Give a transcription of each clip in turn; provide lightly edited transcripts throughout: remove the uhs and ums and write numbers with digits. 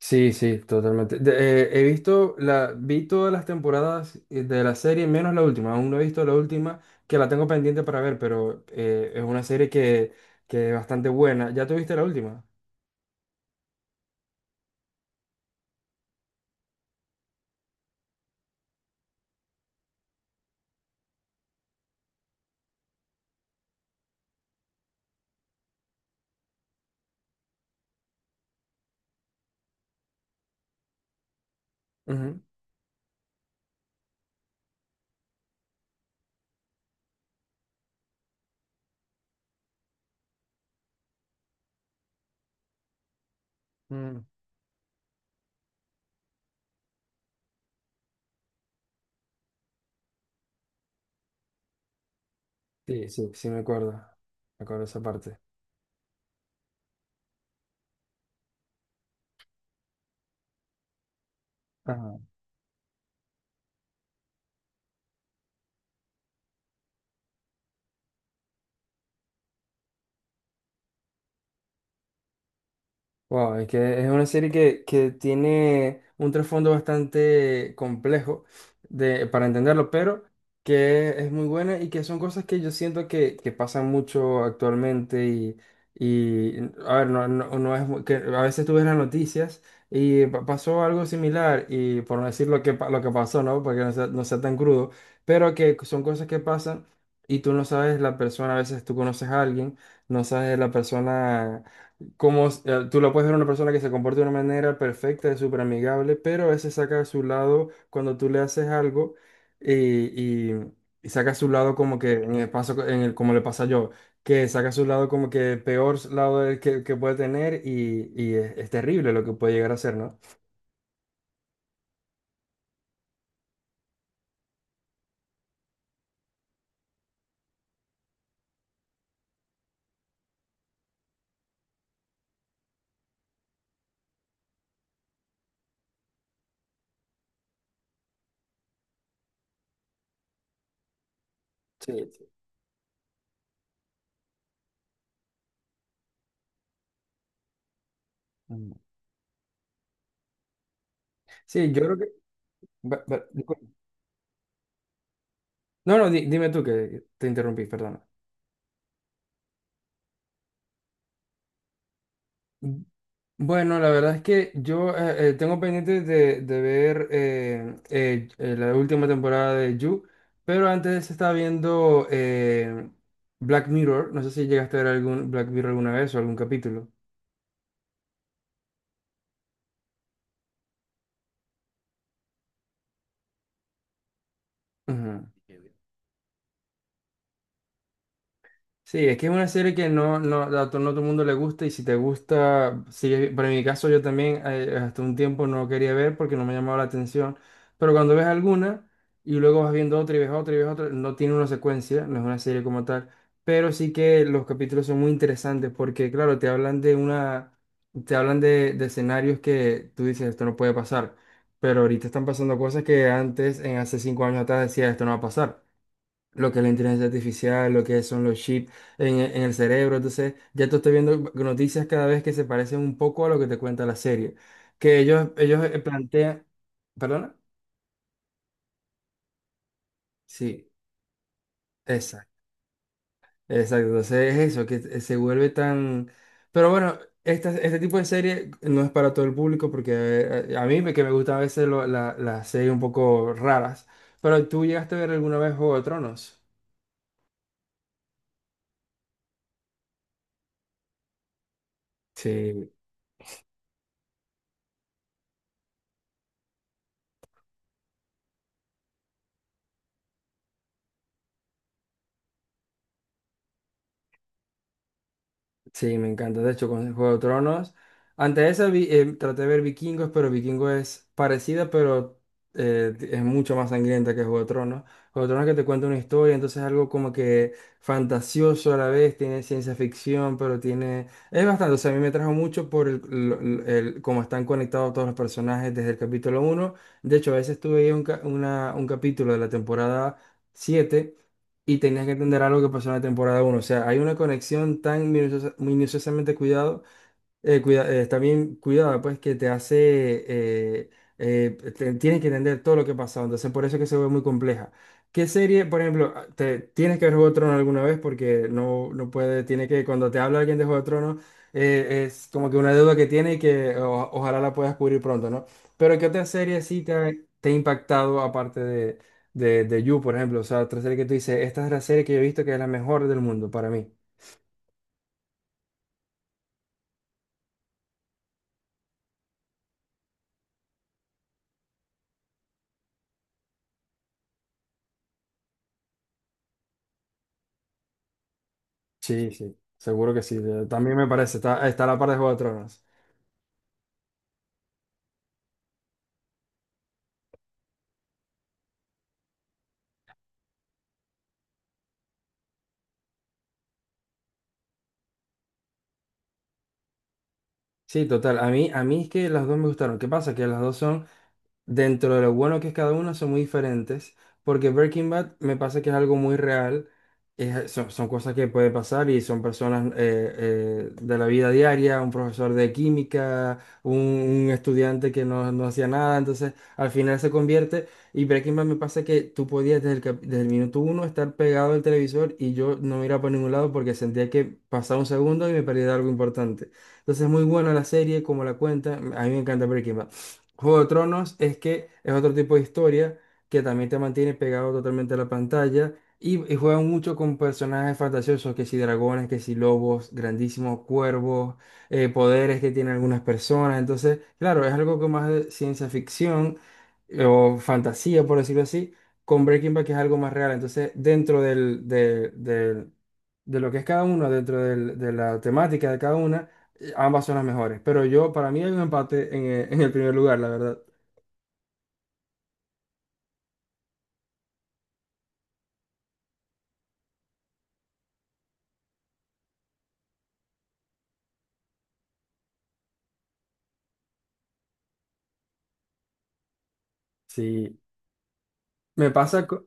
Sí, sí, totalmente. He visto vi todas las temporadas de la serie, menos la última. Aún no he visto la última, que la tengo pendiente para ver, pero es una serie que es bastante buena. ¿Ya tuviste la última? Ujú. Mm. Sí, sí. Sí, sí, me acuerdo. Me acuerdo esa parte. Wow, es que es una serie que tiene un trasfondo bastante complejo de, para entenderlo, pero que es muy buena y que son cosas que yo siento que pasan mucho actualmente y a ver, no es muy- que a veces tú ves las noticias y pasó algo similar y por no decir lo que, lo que pasó, ¿no? Porque no sea, no sea tan crudo, pero que son cosas que pasan y tú no sabes la persona, a veces tú conoces a alguien, no sabes la persona como tú lo puedes ver a una persona que se comporta de una manera perfecta, es súper amigable, pero a veces saca a su lado cuando tú le haces algo y, y- y saca a su lado como que, en el paso, en el, como le pasa yo, que saca a su lado como que el peor lado del que puede tener y, es terrible lo que puede llegar a ser, ¿no? Sí, sí. Mm. Sí, yo creo que... disculpa. No, no, dime tú que te interrumpí, perdona. Bueno, la verdad es que yo tengo pendiente de ver la última temporada de You, pero antes estaba viendo Black Mirror. No sé si llegaste a ver algún Black Mirror alguna vez o algún capítulo. Ujú. Sí, es que es una serie que no, a no todo el mundo le gusta y si te gusta, sigue, pero en mi caso yo también hasta un tiempo no quería ver porque no me llamaba la atención, pero cuando ves alguna y luego vas viendo otra y ves otra y ves otra, no tiene una secuencia, no es una serie como tal, pero sí que los capítulos son muy interesantes porque claro, te hablan de una, te hablan de escenarios que tú dices esto no puede pasar, pero ahorita están pasando cosas que antes, en hace cinco años atrás decía esto no va a pasar lo que es la inteligencia artificial, lo que son los chips en, en el cerebro. Entonces, ya te estoy viendo noticias cada vez que se parecen un poco a lo que te cuenta la serie. Que ellos plantean, ¿perdona? Sí, exacto, exacto. Entonces es eso, que se vuelve tan... Pero bueno, este tipo de serie no es para todo el público porque a mí que me gustan a veces las series un poco raras. Pero tú llegaste a ver alguna vez Juego de Tronos. Sí. Sí, me encanta. De hecho, con Juego de Tronos. Antes de esa traté de ver Vikingos, pero Vikingos es parecida, pero es mucho más sangrienta que Juego de Tronos. Juego de Tronos que te cuenta una historia, entonces es algo como que fantasioso a la vez, tiene ciencia ficción, pero tiene... Es bastante, o sea, a mí me trajo mucho por el, cómo están conectados todos los personajes desde el capítulo uno. De hecho, a veces tuve un capítulo de la temporada 7 y tenías que entender algo que pasó en la temporada uno. O sea, hay una conexión tan minuciosamente cuidado también cuidada, pues que te hace, eh, tienes que entender todo lo que ha pasado, entonces por eso es que se ve muy compleja. ¿Qué serie, por ejemplo, ah, te, tienes que ver Juego de Tronos alguna vez? Porque no, no puede, tiene que, cuando te habla alguien de Juego de Tronos, es como que una deuda que tiene y que ojalá la puedas cubrir pronto, ¿no? Pero ¿qué otra serie sí te ha impactado aparte de, de You, por ejemplo? O sea, otra serie que tú dices, esta es la serie que yo he visto que es la mejor del mundo para mí. Sí, sí, seguro que sí. de- También me parece, está, está a la par de Juego de Tronos. Sí, total. A mí es que las dos me gustaron. ¿Qué pasa? Que las dos son dentro de lo bueno que es cada una, son muy diferentes, porque Breaking Bad me pasa que es algo muy real, son cosas que pueden pasar y son personas de la vida diaria, un profesor de química, un estudiante que no, no hacía nada, entonces al final se convierte, y Breaking Bad me pasa que tú podías desde desde el minuto uno estar pegado al televisor y yo no me iba por ningún lado porque sentía que pasaba un segundo y me perdía algo importante. Entonces es muy buena la serie, como la cuenta, a mí me encanta Breaking Bad. Juego de Tronos es que es otro tipo de historia que también te mantiene pegado totalmente a la pantalla y juegan mucho con personajes fantasiosos, que si dragones, que si lobos, grandísimos cuervos, poderes que tienen algunas personas. Entonces, claro, es algo que más de ciencia ficción o fantasía, por decirlo así, con Breaking Bad que es algo más real. Entonces, dentro de lo que es cada uno, dentro de la temática de cada una ambas son las mejores, pero yo, para mí hay un empate en el primer lugar, la verdad. Sí, me pasa, co-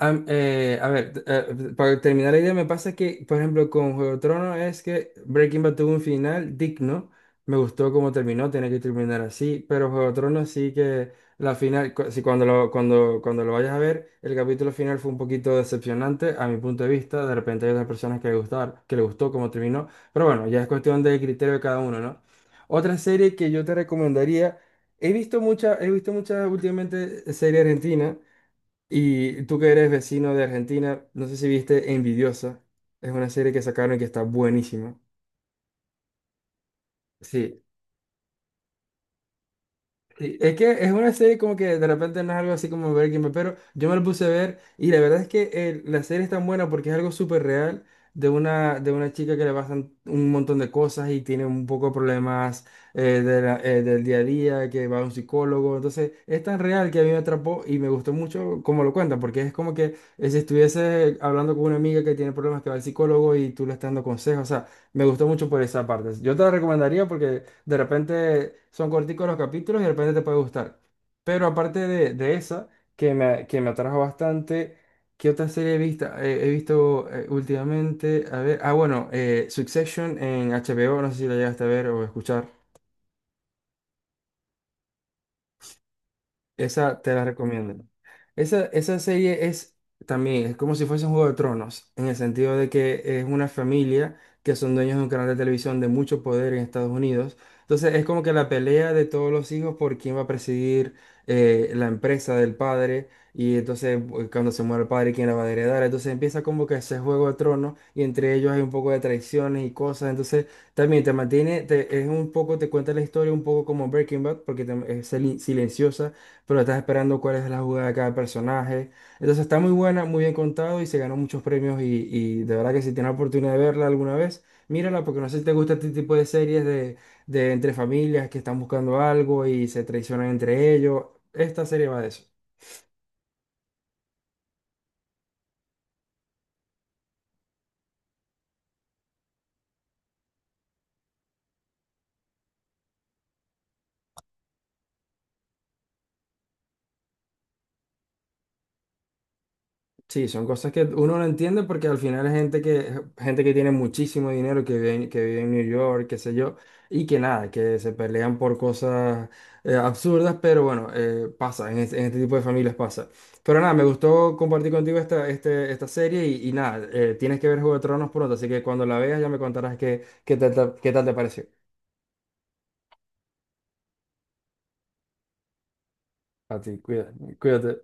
Am- eh, a ver, para terminar la idea, me pasa que, por ejemplo, con Juego de Tronos es que Breaking Bad tuvo un final digno. Me gustó cómo terminó, tenía que terminar así, pero Juego de Tronos sí que la final, cu- si cuando lo, cuando lo vayas a ver, el capítulo final fue un poquito decepcionante a mi punto de vista. De repente hay otras personas que le gustaron, que le gustó cómo terminó, pero bueno, ya es cuestión de criterio de cada uno, ¿no? Otra serie que yo te recomendaría, he visto mucha, he visto muchas últimamente serie argentina. Y tú que eres vecino de Argentina, no sé si viste Envidiosa. Es una serie que sacaron que está buenísima. Sí. Sí, es que es una serie como que de repente no es algo así como Breaking Bad, pero yo me lo puse a ver y la verdad es que la serie es tan buena porque es algo súper real de una chica que le pasan un montón de cosas y tiene un poco de problemas del día a día, que va a un psicólogo. Entonces es tan real que a mí me atrapó y me gustó mucho cómo lo cuentan, porque es como que si estuviese hablando con una amiga que tiene problemas que va al psicólogo y tú le estás dando consejos. O sea, me gustó mucho por esa parte. Yo te la recomendaría porque de repente son corticos los capítulos y de repente te puede gustar. Pero aparte de esa, que me atrajo bastante, ¿qué otra serie he visto últimamente? A ver, ah, bueno, Succession en HBO, no sé si la llegaste a ver o escuchar. Esa te la recomiendo. Esa serie es también, es como si fuese un Juego de Tronos, en el sentido de que es una familia que son dueños de un canal de televisión de mucho poder en Estados Unidos. Entonces es como que la pelea de todos los hijos por quién va a presidir la empresa del padre y entonces cuando se muere el padre, quién la va a heredar. Entonces empieza como que ese Juego de Tronos y entre ellos hay un poco de traiciones y cosas. Entonces también te mantiene, es un poco, te cuenta la historia un poco como Breaking Bad porque es silenciosa pero estás esperando cuál es la jugada de cada personaje. Entonces está muy buena, muy bien contado y se ganó muchos premios y de verdad que si tienes la oportunidad de verla alguna vez, mírala porque no sé si te gusta este tipo de series de entre familias que están buscando algo y se traicionan entre ellos. Esta serie va de eso. Sí, son cosas que uno no entiende porque al final es gente que tiene muchísimo dinero, que vive, que vive en New York, qué sé yo, y que nada, que se pelean por cosas absurdas, pero bueno, pasa, en este tipo de familias pasa. Pero nada, me gustó compartir contigo esta serie y nada, tienes que ver Juego de Tronos pronto, así que cuando la veas ya me contarás qué, qué tal, qué tal te pareció. A ti, cuídate.